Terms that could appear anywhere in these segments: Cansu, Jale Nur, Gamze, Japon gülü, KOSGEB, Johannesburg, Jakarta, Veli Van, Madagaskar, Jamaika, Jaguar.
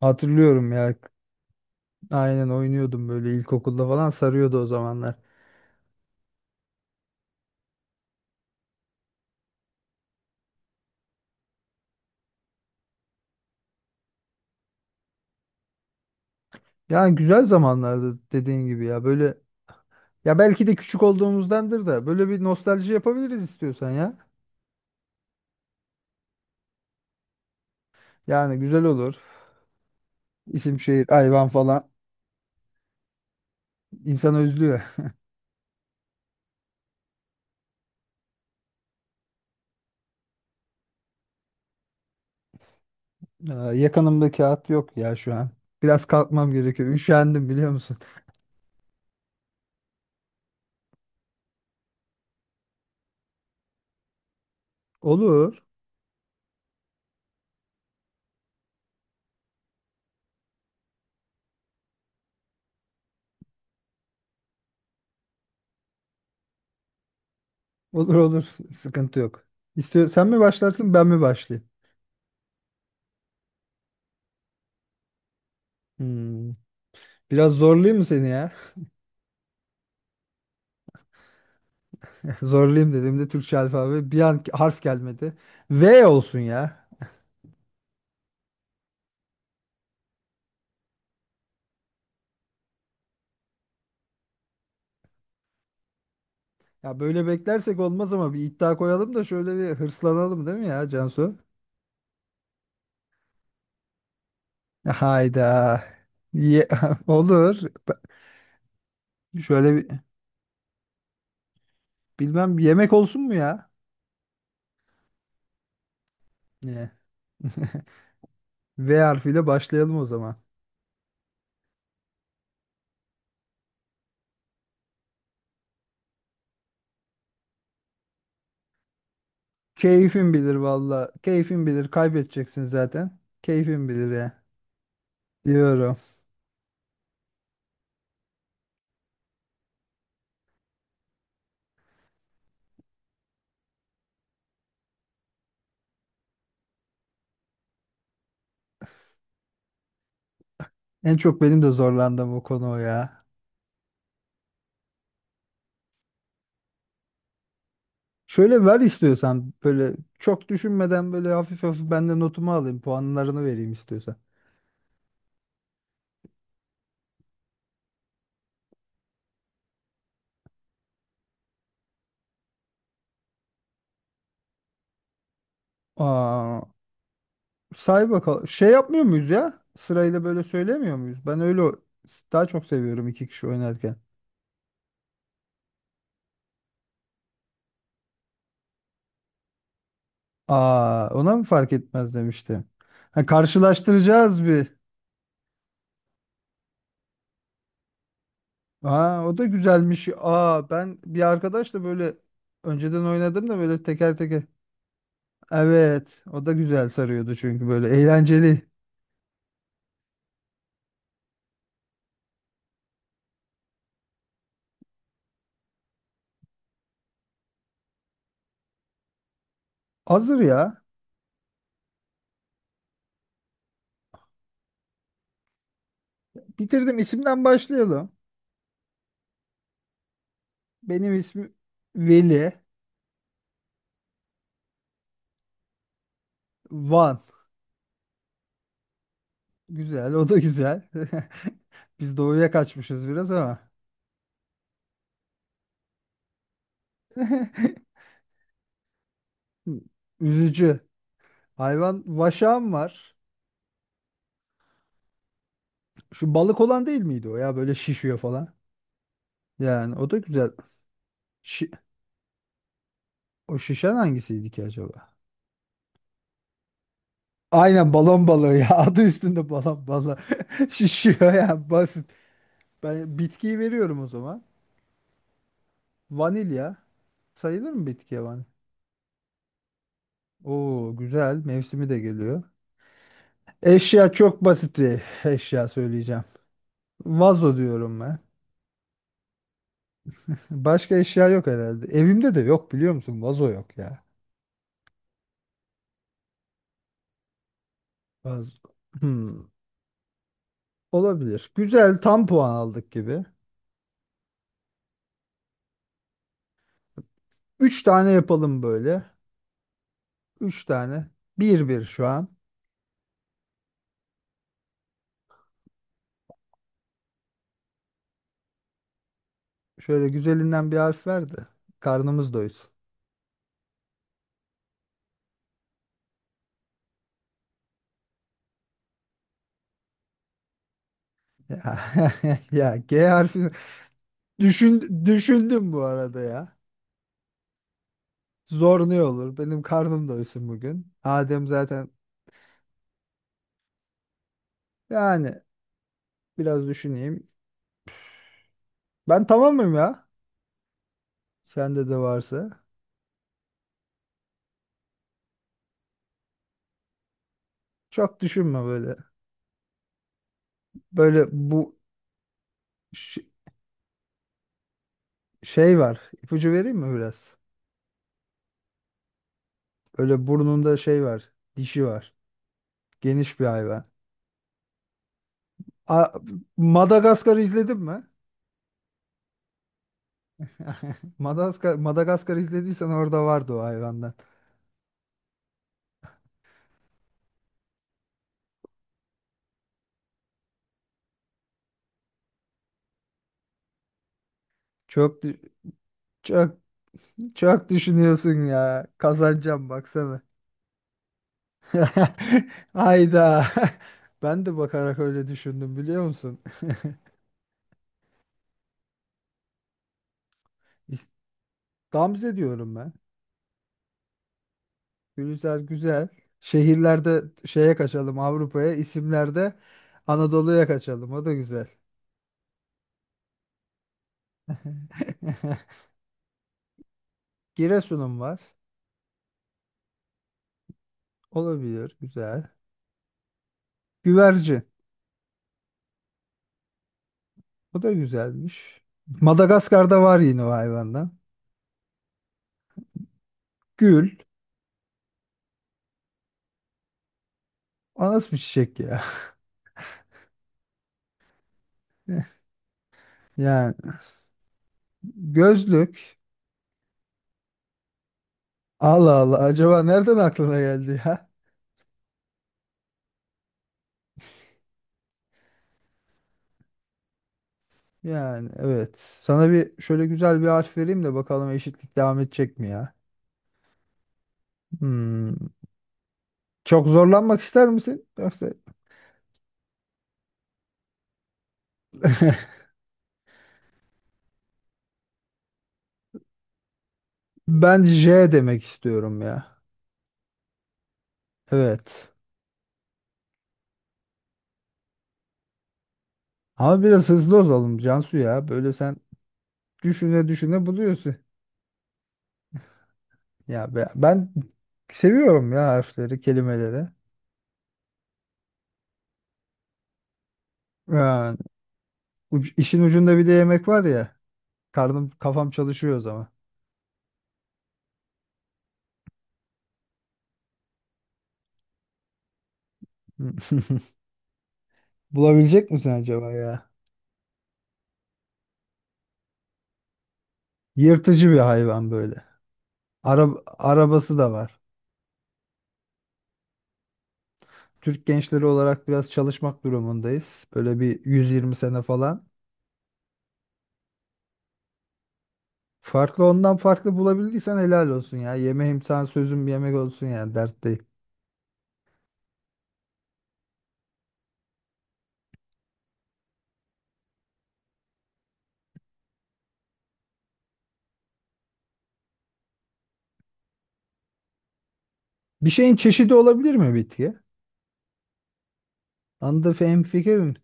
Hatırlıyorum ya. Aynen oynuyordum böyle ilkokulda falan sarıyordu o zamanlar. Yani güzel zamanlardı dediğin gibi ya. Böyle ya belki de küçük olduğumuzdandır da böyle bir nostalji yapabiliriz istiyorsan ya. Yani güzel olur. İsim şehir hayvan falan insanı özlüyor. Aa, yakınımda kağıt yok ya şu an. Biraz kalkmam gerekiyor. Üşendim biliyor musun? Olur. Olur olur. Sıkıntı yok. İstiyor, sen mi başlarsın ben mi başlayayım? Hmm, Biraz zorlayayım mı seni ya? Zorlayayım dediğimde Türkçe alfabe bir an harf gelmedi. V olsun ya. Ya böyle beklersek olmaz ama bir iddia koyalım da şöyle bir hırslanalım değil mi ya Cansu? Hayda. Ye- olur. Şöyle bir, bilmem bir yemek olsun mu ya? Ne? V harfiyle başlayalım o zaman. Keyfin bilir valla. Keyfin bilir. Kaybedeceksin zaten. Keyfin bilir ya. Diyorum. En çok benim de zorlandığım o konu o ya. Şöyle ver istiyorsan böyle çok düşünmeden böyle hafif hafif ben de notumu alayım puanlarını vereyim istiyorsan. Aa, say bakalım. Şey yapmıyor muyuz ya? Sırayla böyle söylemiyor muyuz? Ben öyle o- daha çok seviyorum iki kişi oynarken. Aa, ona mı fark etmez demiştim. Ha, karşılaştıracağız bir. Aa, o da güzelmiş. Aa, ben bir arkadaşla böyle önceden oynadım da böyle teker teker. Evet, o da güzel sarıyordu çünkü böyle eğlenceli. Hazır ya. Bitirdim. İsimden başlayalım. Benim ismim Veli. Van. Güzel, o da güzel. Biz doğuya kaçmışız biraz ama. Üzücü. Hayvan vaşağım var. Şu balık olan değil miydi o ya? Böyle şişiyor falan. Yani o da güzel. Şi- o şişen hangisiydi ki acaba? Aynen balon balığı ya. Adı üstünde balon balığı. Şişiyor ya basit. Ben bitkiyi veriyorum o zaman. Vanilya. Sayılır mı bitkiye vanilya? Oo güzel. Mevsimi de geliyor. Eşya çok basit bir eşya söyleyeceğim. Vazo diyorum ben. Başka eşya yok herhalde. Evimde de yok biliyor musun? Vazo yok ya. Vazo. Hmm, olabilir. Güzel tam puan aldık gibi. Üç tane yapalım böyle. Üç tane. Bir bir şu an. Şöyle güzelinden bir harf ver de. Karnımız doysun. Ya, ya G harfi düşündüm bu arada ya. Zor ne olur? Benim karnım doysun bugün. Adem zaten yani biraz düşüneyim. Ben tamamım ya. Sende de varsa. Çok düşünme böyle. Böyle bu ş- şey var. İpucu vereyim mi biraz? Böyle burnunda şey var. Dişi var. Geniş bir hayvan. A Madagaskar'ı izledin mi? Madagaskar, Madagaskar'ı izlediysen orada vardı o hayvandan. Çok dü- çok çok düşünüyorsun ya. Kazanacağım baksana. Hayda. Ben de bakarak öyle düşündüm biliyor musun? Gamze diyorum ben. Güzel güzel. Şehirlerde şeye kaçalım Avrupa'ya, isimlerde Anadolu'ya kaçalım. O da güzel. Giresun'um var. Olabilir. Güzel. Güvercin. O da güzelmiş. Madagaskar'da var yine o hayvandan. Gül. O nasıl bir çiçek ya? Yani gözlük. Allah Allah. Acaba nereden aklına geldi ya? Yani evet. Sana bir şöyle güzel bir harf vereyim de bakalım eşitlik devam edecek mi ya? Hmm. Çok zorlanmak ister misin? Yoksa ben J demek istiyorum ya. Evet. Ama biraz hızlı olalım Cansu ya. Böyle sen düşüne düşüne buluyorsun. Ben seviyorum ya harfleri, kelimeleri. Yani uc- işin ucunda bir de yemek var ya. Karnım, kafam çalışıyor o zaman. Bulabilecek misin acaba ya? Yırtıcı bir hayvan böyle. Ara, arabası da var. Türk gençleri olarak biraz çalışmak durumundayız. Böyle bir 120 sene falan. Farklı ondan farklı bulabildiysen helal olsun ya. Yemeğim sana sözüm bir yemek olsun ya. Dert değil. Bir şeyin çeşidi olabilir mi bitki? Anında hemfikirim.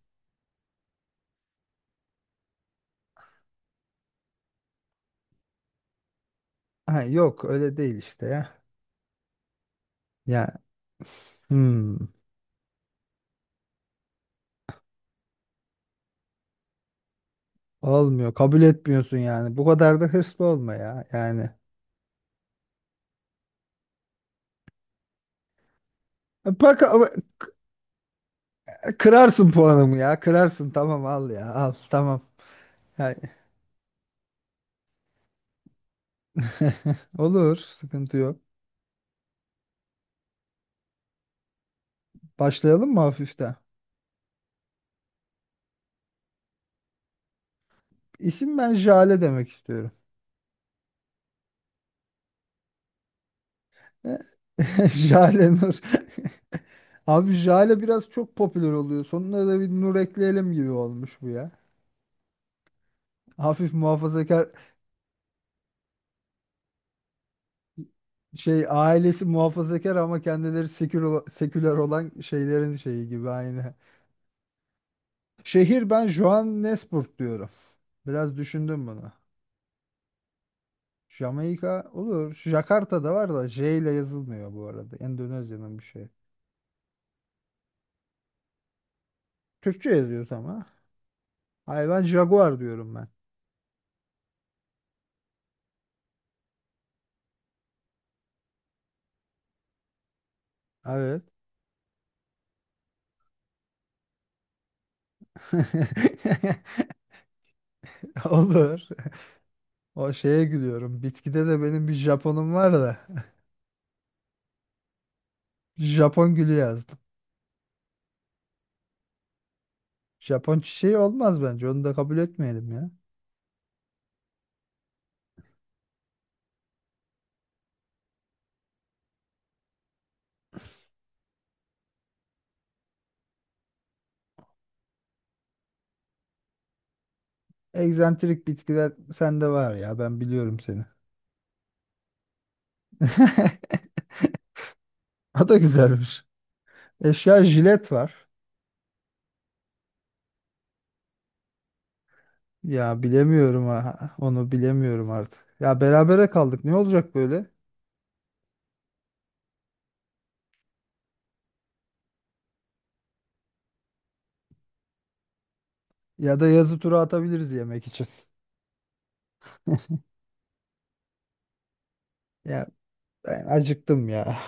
Ha, yok öyle değil işte ya. Ya hmm, olmuyor. Kabul etmiyorsun yani. Bu kadar da hırslı olma ya. Yani bak ama kırarsın puanımı ya. Kırarsın tamam al ya. Al tamam. Yani- olur sıkıntı yok. Başlayalım mı hafiften? İsim ben Jale demek istiyorum. E, Jale Nur. Abi Jale biraz çok popüler oluyor. Sonuna da bir Nur ekleyelim gibi olmuş bu ya. Hafif muhafazakar şey ailesi muhafazakar ama kendileri seküler, seküler olan şeylerin şeyi gibi aynı. Şehir ben Johannesburg diyorum. Biraz düşündüm bunu. Jamaika olur. Jakarta da var da J ile yazılmıyor bu arada. Endonezya'nın bir şey. Türkçe yazıyoruz ama. Hayır ben Jaguar diyorum ben. Evet. Olur. O şeye gülüyorum. Bitkide de benim bir Japonum var da. Japon gülü yazdım. Japon çiçeği olmaz bence. Onu da kabul etmeyelim ya. Egzantrik bitkiler sende var ya. Ben biliyorum seni. O da güzelmiş. Eşya jilet var. Ya bilemiyorum ha. Onu bilemiyorum artık. Ya berabere kaldık. Ne olacak böyle? Ya da yazı tura atabiliriz yemek için. Ya ben acıktım ya.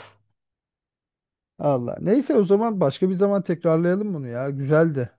Allah. Neyse o zaman başka bir zaman tekrarlayalım bunu ya. Güzeldi.